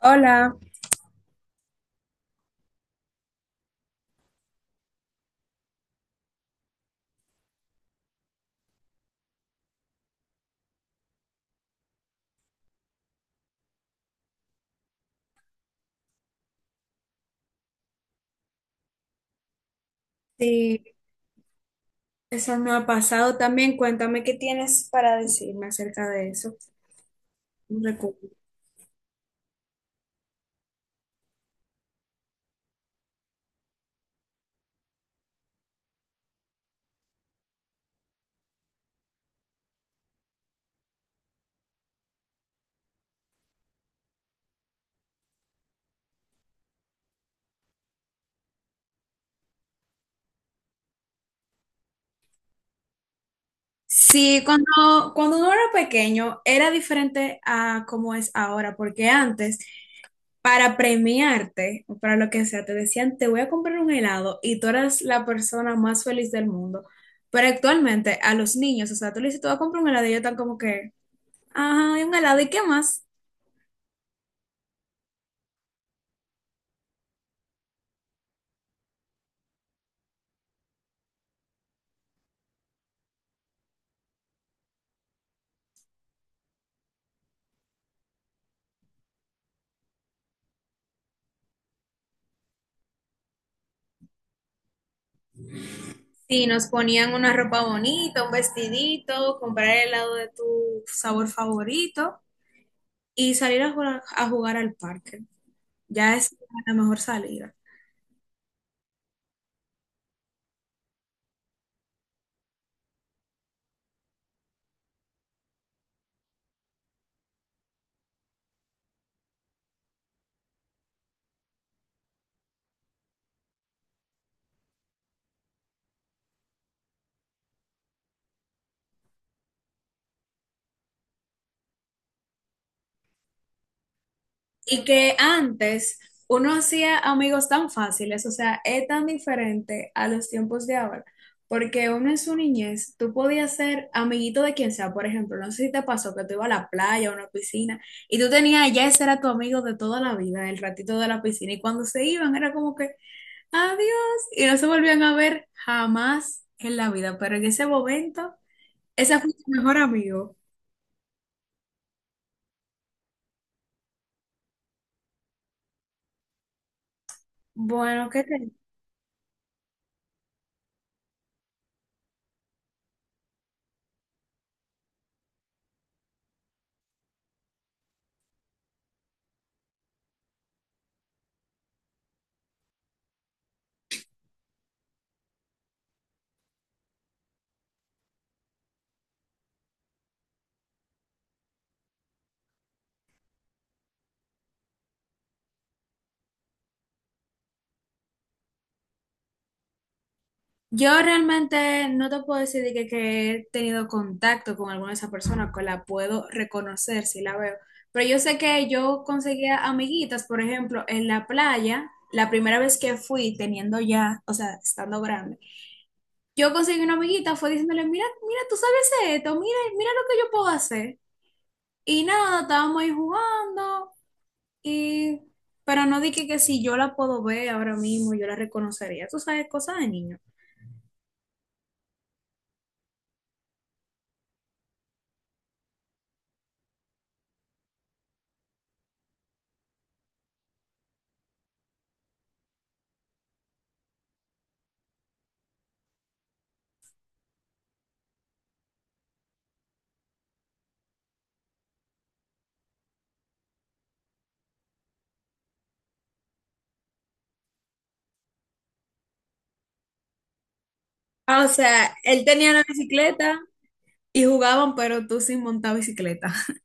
Hola, sí, eso no ha pasado también. Cuéntame qué tienes para decirme acerca de eso. Un recuerdo. Sí, cuando uno era pequeño era diferente a como es ahora, porque antes, para premiarte o para lo que sea, te decían, te voy a comprar un helado y tú eras la persona más feliz del mundo. Pero actualmente a los niños, o sea, tú le dices, te voy a comprar un helado y ellos están como que, ajá, ¿y un helado, y qué más? Sí, nos ponían una ropa bonita, un vestidito, comprar el helado de tu sabor favorito y salir a jugar al parque. Ya es la mejor salida. Y que antes uno hacía amigos tan fáciles, o sea, es tan diferente a los tiempos de ahora, porque uno en su niñez, tú podías ser amiguito de quien sea, por ejemplo, no sé si te pasó que tú ibas a la playa o a una piscina y tú tenías, ya ese era tu amigo de toda la vida, el ratito de la piscina, y cuando se iban era como que... adiós. Y no se volvían a ver jamás en la vida, pero en ese momento, ese fue su mejor amigo. Bueno, ¿qué te... Yo realmente no te puedo decir de que he tenido contacto con alguna de esas personas, que la puedo reconocer si la veo, pero yo sé que yo conseguía amiguitas, por ejemplo, en la playa, la primera vez que fui teniendo ya, o sea, estando grande, yo conseguí una amiguita, fue diciéndole, mira, mira, tú sabes esto, mira, mira lo que yo puedo hacer. Y nada, estábamos ahí jugando. Y, pero no dije que si yo la puedo ver ahora mismo, yo la reconocería. Tú sabes, cosas de niño. Ah, o sea, él tenía la bicicleta y jugaban, pero tú sin montar bicicleta.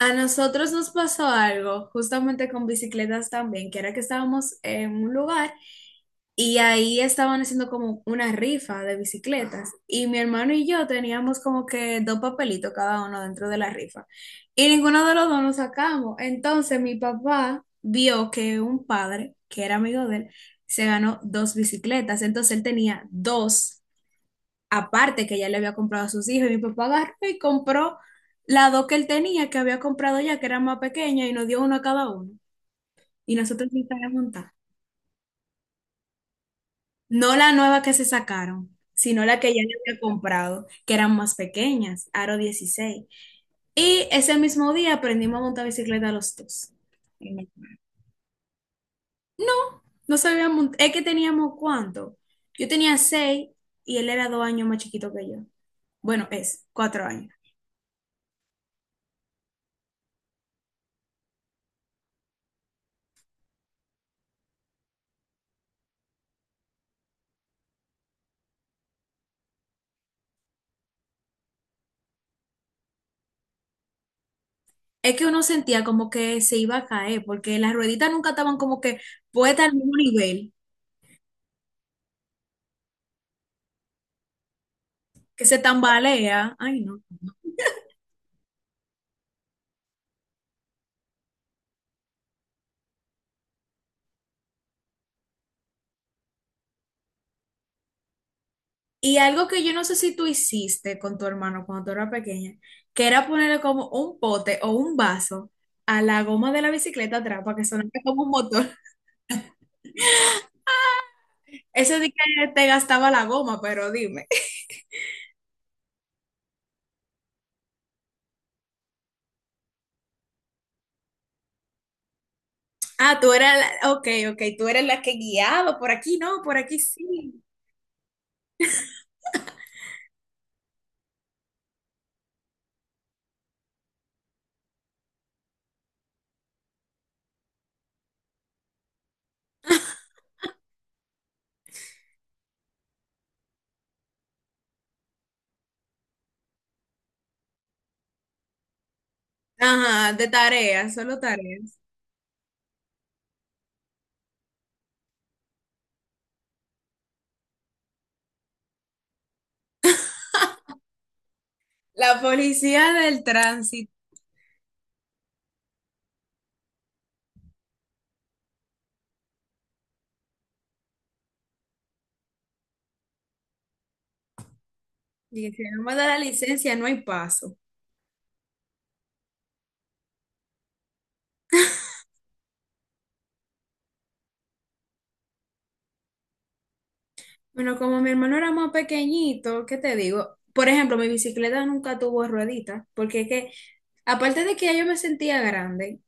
A nosotros nos pasó algo, justamente con bicicletas también, que era que estábamos en un lugar. Y ahí estaban haciendo como una rifa de bicicletas. Y mi hermano y yo teníamos como que dos papelitos cada uno dentro de la rifa. Y ninguno de los dos nos sacamos. Entonces mi papá vio que un padre, que era amigo de él, se ganó dos bicicletas. Entonces él tenía dos aparte que ya le había comprado a sus hijos. Y mi papá agarró y compró las dos que él tenía, que había comprado ya, que eran más pequeñas, y nos dio uno a cada uno. Y nosotros nos montar. No la nueva que se sacaron, sino la que ya le había comprado, que eran más pequeñas, Aro 16. Y ese mismo día aprendimos a montar bicicleta los dos. No, no sabíamos, es que teníamos cuánto. Yo tenía 6 y él era 2 años más chiquito que yo. Bueno, es 4 años. Es que uno sentía como que se iba a caer, porque las rueditas nunca estaban como que puestas al mismo nivel, que se tambalea. Ay, no. Y algo que yo no sé si tú hiciste con tu hermano cuando tú eras pequeña, que era ponerle como un pote o un vaso a la goma de la bicicleta atrás para que sonara como un motor. Eso de que te gastaba la goma, pero dime. Ah, tú eras la, ok, ok, tú eres la que guiaba, por aquí no, por aquí sí. Ajá, de tareas, solo tareas. La policía del tránsito. Y si no me da la licencia, no hay paso. Bueno, como mi hermano era más pequeñito, ¿qué te digo? Por ejemplo, mi bicicleta nunca tuvo rueditas, porque es que, aparte de que ya yo me sentía grande,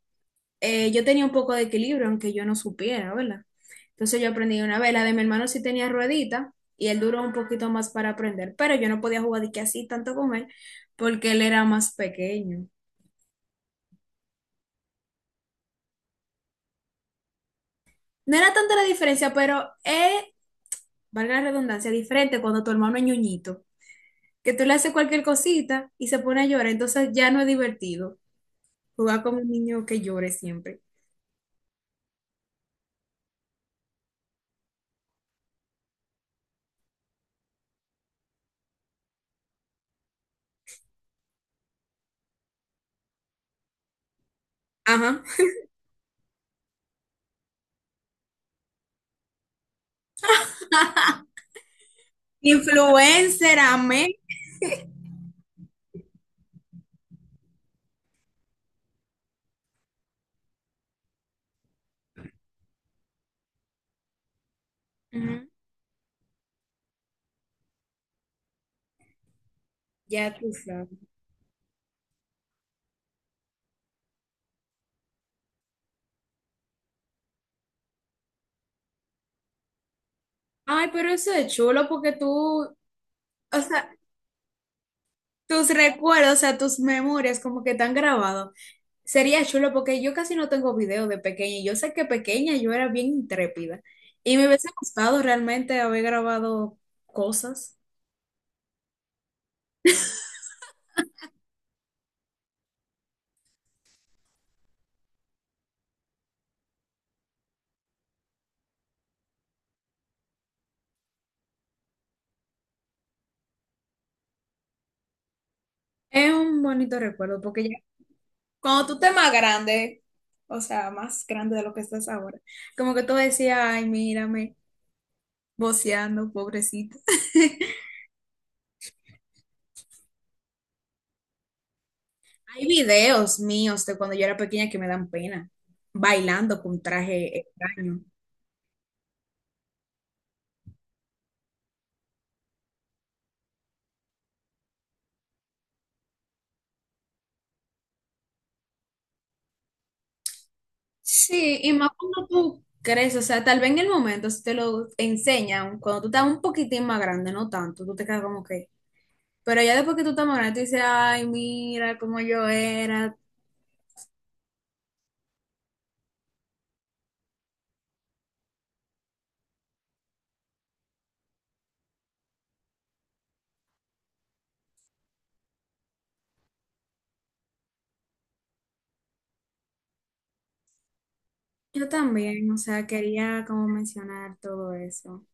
yo tenía un poco de equilibrio, aunque yo no supiera, ¿verdad? Entonces yo aprendí una vez, la de mi hermano sí tenía ruedita, y él duró un poquito más para aprender, pero yo no podía jugar de que así tanto con él, porque él era más pequeño. No era tanta la diferencia, pero es, valga la redundancia, diferente cuando tu hermano es ñoñito, que tú le haces cualquier cosita y se pone a llorar, entonces ya no es divertido jugar como un niño que llore siempre. Ajá. Influencer, amén. Ujú. Ya tú sabes. Ay, pero eso es chulo porque tú, o sea, tus recuerdos, o sea, tus memorias como que están grabados. Sería chulo porque yo casi no tengo video de pequeña. Y yo sé que pequeña yo era bien intrépida y me hubiese gustado realmente haber grabado cosas. Es un bonito recuerdo porque ya cuando tú estés más grande, o sea, más grande de lo que estás ahora, como que tú decías, ay, mírame. Voceando, pobrecita. Hay videos míos de cuando yo era pequeña que me dan pena, bailando con traje extraño. Sí, y más cuando tú crees, o sea, tal vez en el momento si te lo enseñan, cuando tú estás un poquitín más grande, no tanto, tú te quedas como que. Pero ya después que tú estás más grande, tú dices, ay, mira cómo yo era. Yo también, o sea, quería como mencionar todo eso.